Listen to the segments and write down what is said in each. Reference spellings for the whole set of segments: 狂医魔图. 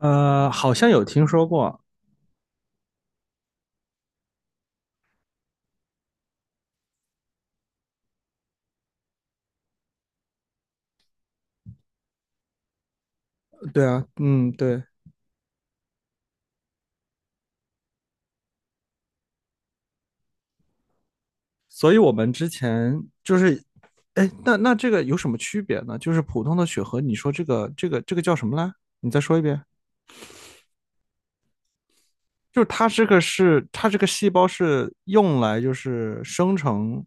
好像有听说过。对啊，嗯，对，所以我们之前就是，哎，那这个有什么区别呢？就是普通的血核，你说这个叫什么来？你再说一遍。就是它这个是它这个细胞是用来就是生成，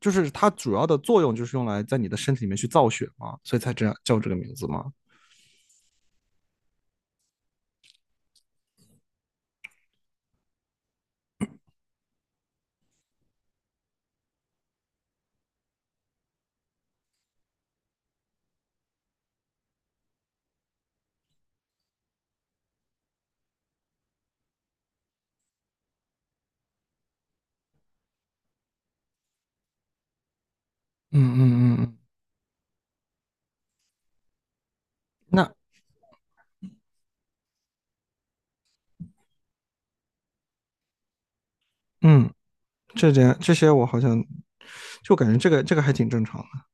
就是它主要的作用就是用来在你的身体里面去造血嘛，所以才这样叫这个名字嘛。嗯嗯嗯嗯，那嗯，这点这些我好像就感觉这个还挺正常的。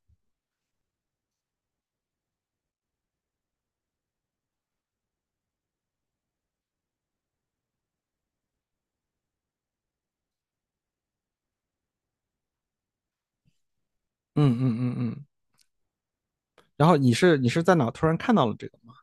嗯嗯嗯嗯。然后你是在哪突然看到了这个吗？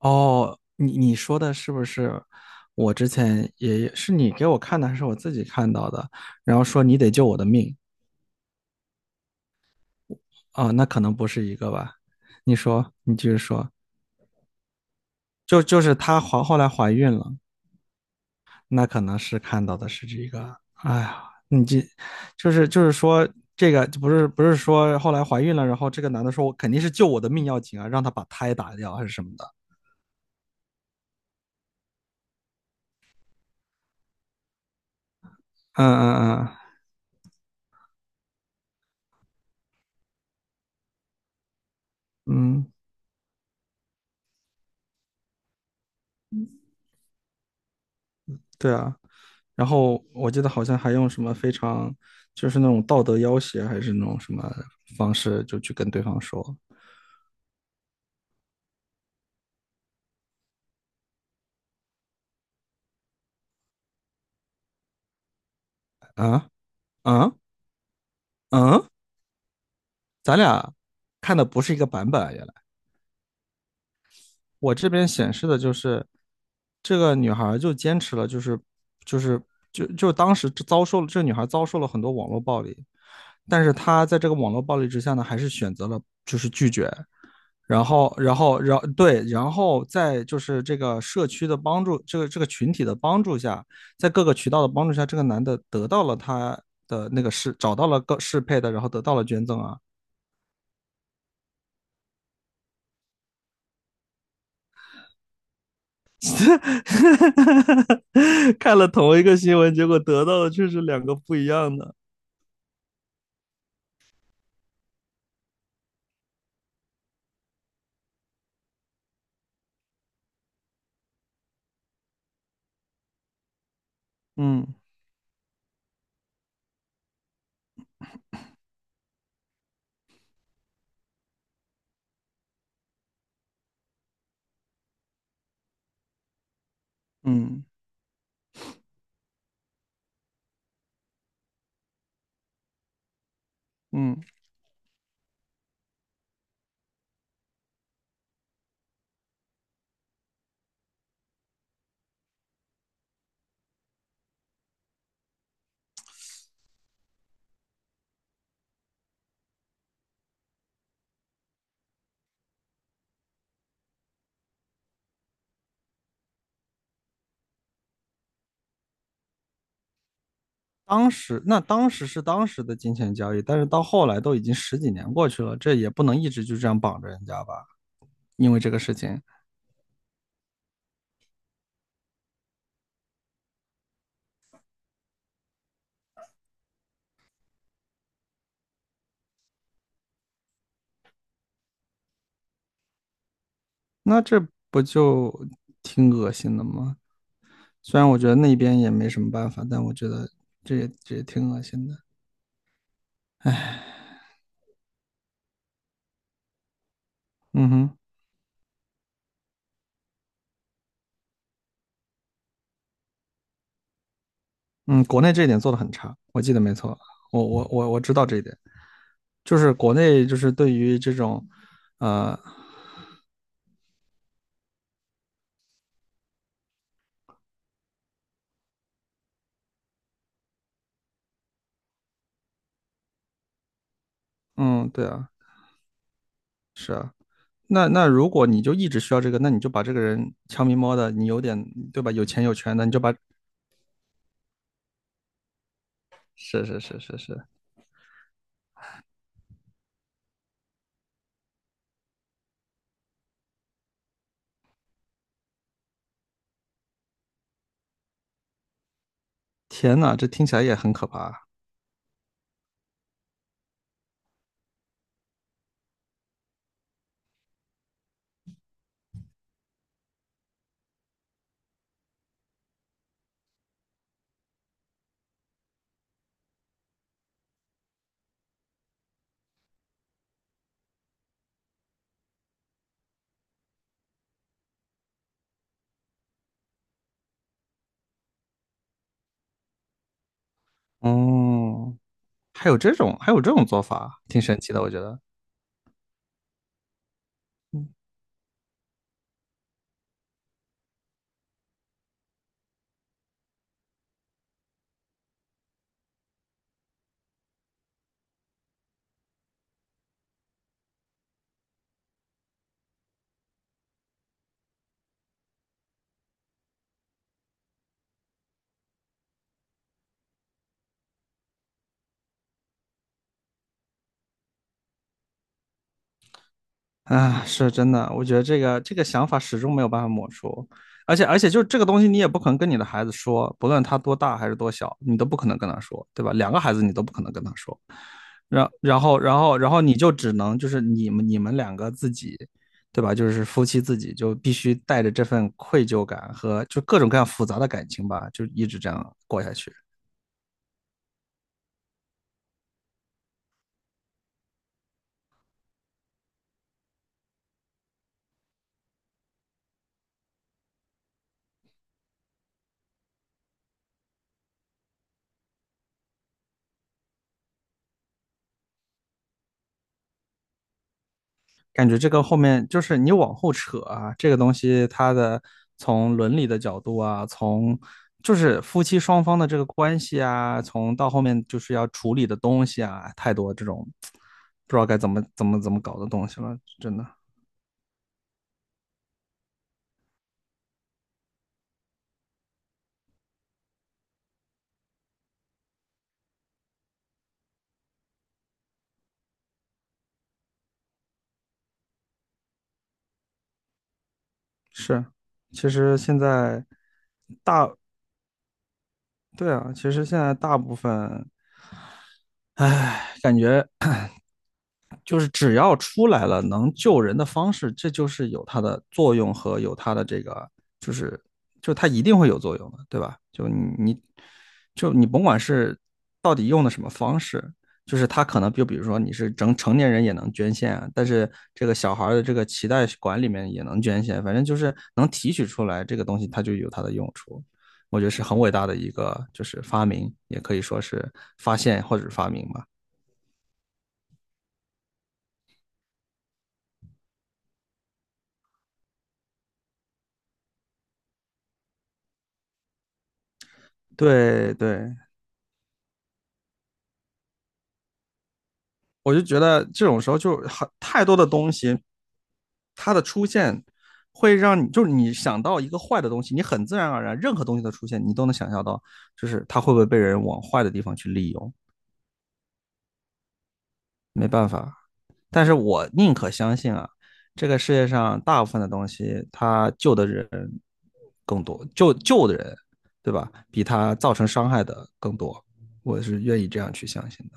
哦，你说的是不是？我之前也是你给我看的，还是我自己看到的？然后说你得救我的命。哦，那可能不是一个吧？你说，你继续说。就是她怀后来怀孕了，那可能是看到的是这个。哎呀，你这就是说，这个不是说后来怀孕了，然后这个男的说我肯定是救我的命要紧啊，让他把胎打掉还是什么的。嗯嗯嗯嗯，嗯，对啊，然后我记得好像还用什么非常就是那种道德要挟，还是那种什么方式，就去跟对方说。啊啊啊，咱俩看的不是一个版本，原来。我这边显示的就是，这个女孩就坚持了，就是就当时遭受了，这女孩遭受了很多网络暴力，但是她在这个网络暴力之下呢，还是选择了就是拒绝。然后对，然后在就是这个社区的帮助，这个群体的帮助下，在各个渠道的帮助下，这个男的得到了他的那个适，找到了个适配的，然后得到了捐赠啊。看了同一个新闻，结果得到的却是两个不一样的。嗯嗯嗯，当时那当时是当时的金钱交易，但是到后来都已经十几年过去了，这也不能一直就这样绑着人家吧？因为这个事情，那这不就挺恶心的吗？虽然我觉得那边也没什么办法，但我觉得这也挺恶心的。嗯哼。嗯，国内这一点做的很差，我记得没错，我知道这一点，就是国内就是对于这种，呃，嗯，对啊，那，那如果你就一直需要这个，那你就把这个人悄咪摸的，你有点，对吧？有钱有权的，你就把，是，天呐，这听起来也很可怕啊。哦，还有这种做法啊，挺神奇的，我觉得。啊，是真的，我觉得这个想法始终没有办法抹除，而且就这个东西，你也不可能跟你的孩子说，不论他多大还是多小，你都不可能跟他说，对吧？两个孩子你都不可能跟他说，然后你就只能就是你们两个自己，对吧？就是夫妻自己就必须带着这份愧疚感和就各种各样复杂的感情吧，就一直这样过下去。感觉这个后面就是你往后扯啊，这个东西它的，从伦理的角度啊，从就是夫妻双方的这个关系啊，从到后面就是要处理的东西啊，太多这种不知道该怎么搞的东西了，真的是。其实现在大，对啊，其实现在大部分，唉，感觉就是只要出来了能救人的方式，这就是有它的作用和有它的这个，就是就它一定会有作用的，对吧？就你甭管是到底用的什么方式，就是它可能就比如说你是成成年人也能捐献啊，但是这个小孩的这个脐带管里面也能捐献，反正就是能提取出来这个东西，它就有它的用处。我觉得是很伟大的一个，就是发明，也可以说是发现或者发明吧。对对，我就觉得这种时候就很太多的东西，它的出现会让你就是你想到一个坏的东西，你很自然而然任何东西的出现，你都能想象到，就是它会不会被人往坏的地方去利用，没办法。但是我宁可相信啊，这个世界上大部分的东西，它救的人更多，救的人，对吧？比他造成伤害的更多，我是愿意这样去相信的。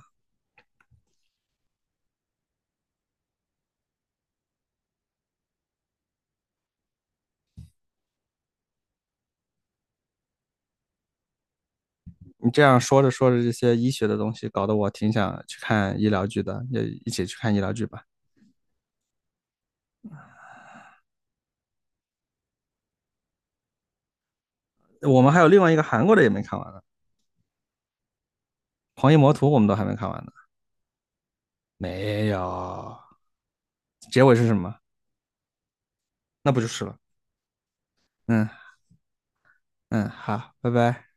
你这样说着说着这些医学的东西，搞得我挺想去看医疗剧的，也一起去看医疗剧吧。我们还有另外一个韩国的也没看完呢，《狂医魔图》我们都还没看完呢。没有。结尾是什么？那不就是了？嗯嗯，好，拜拜。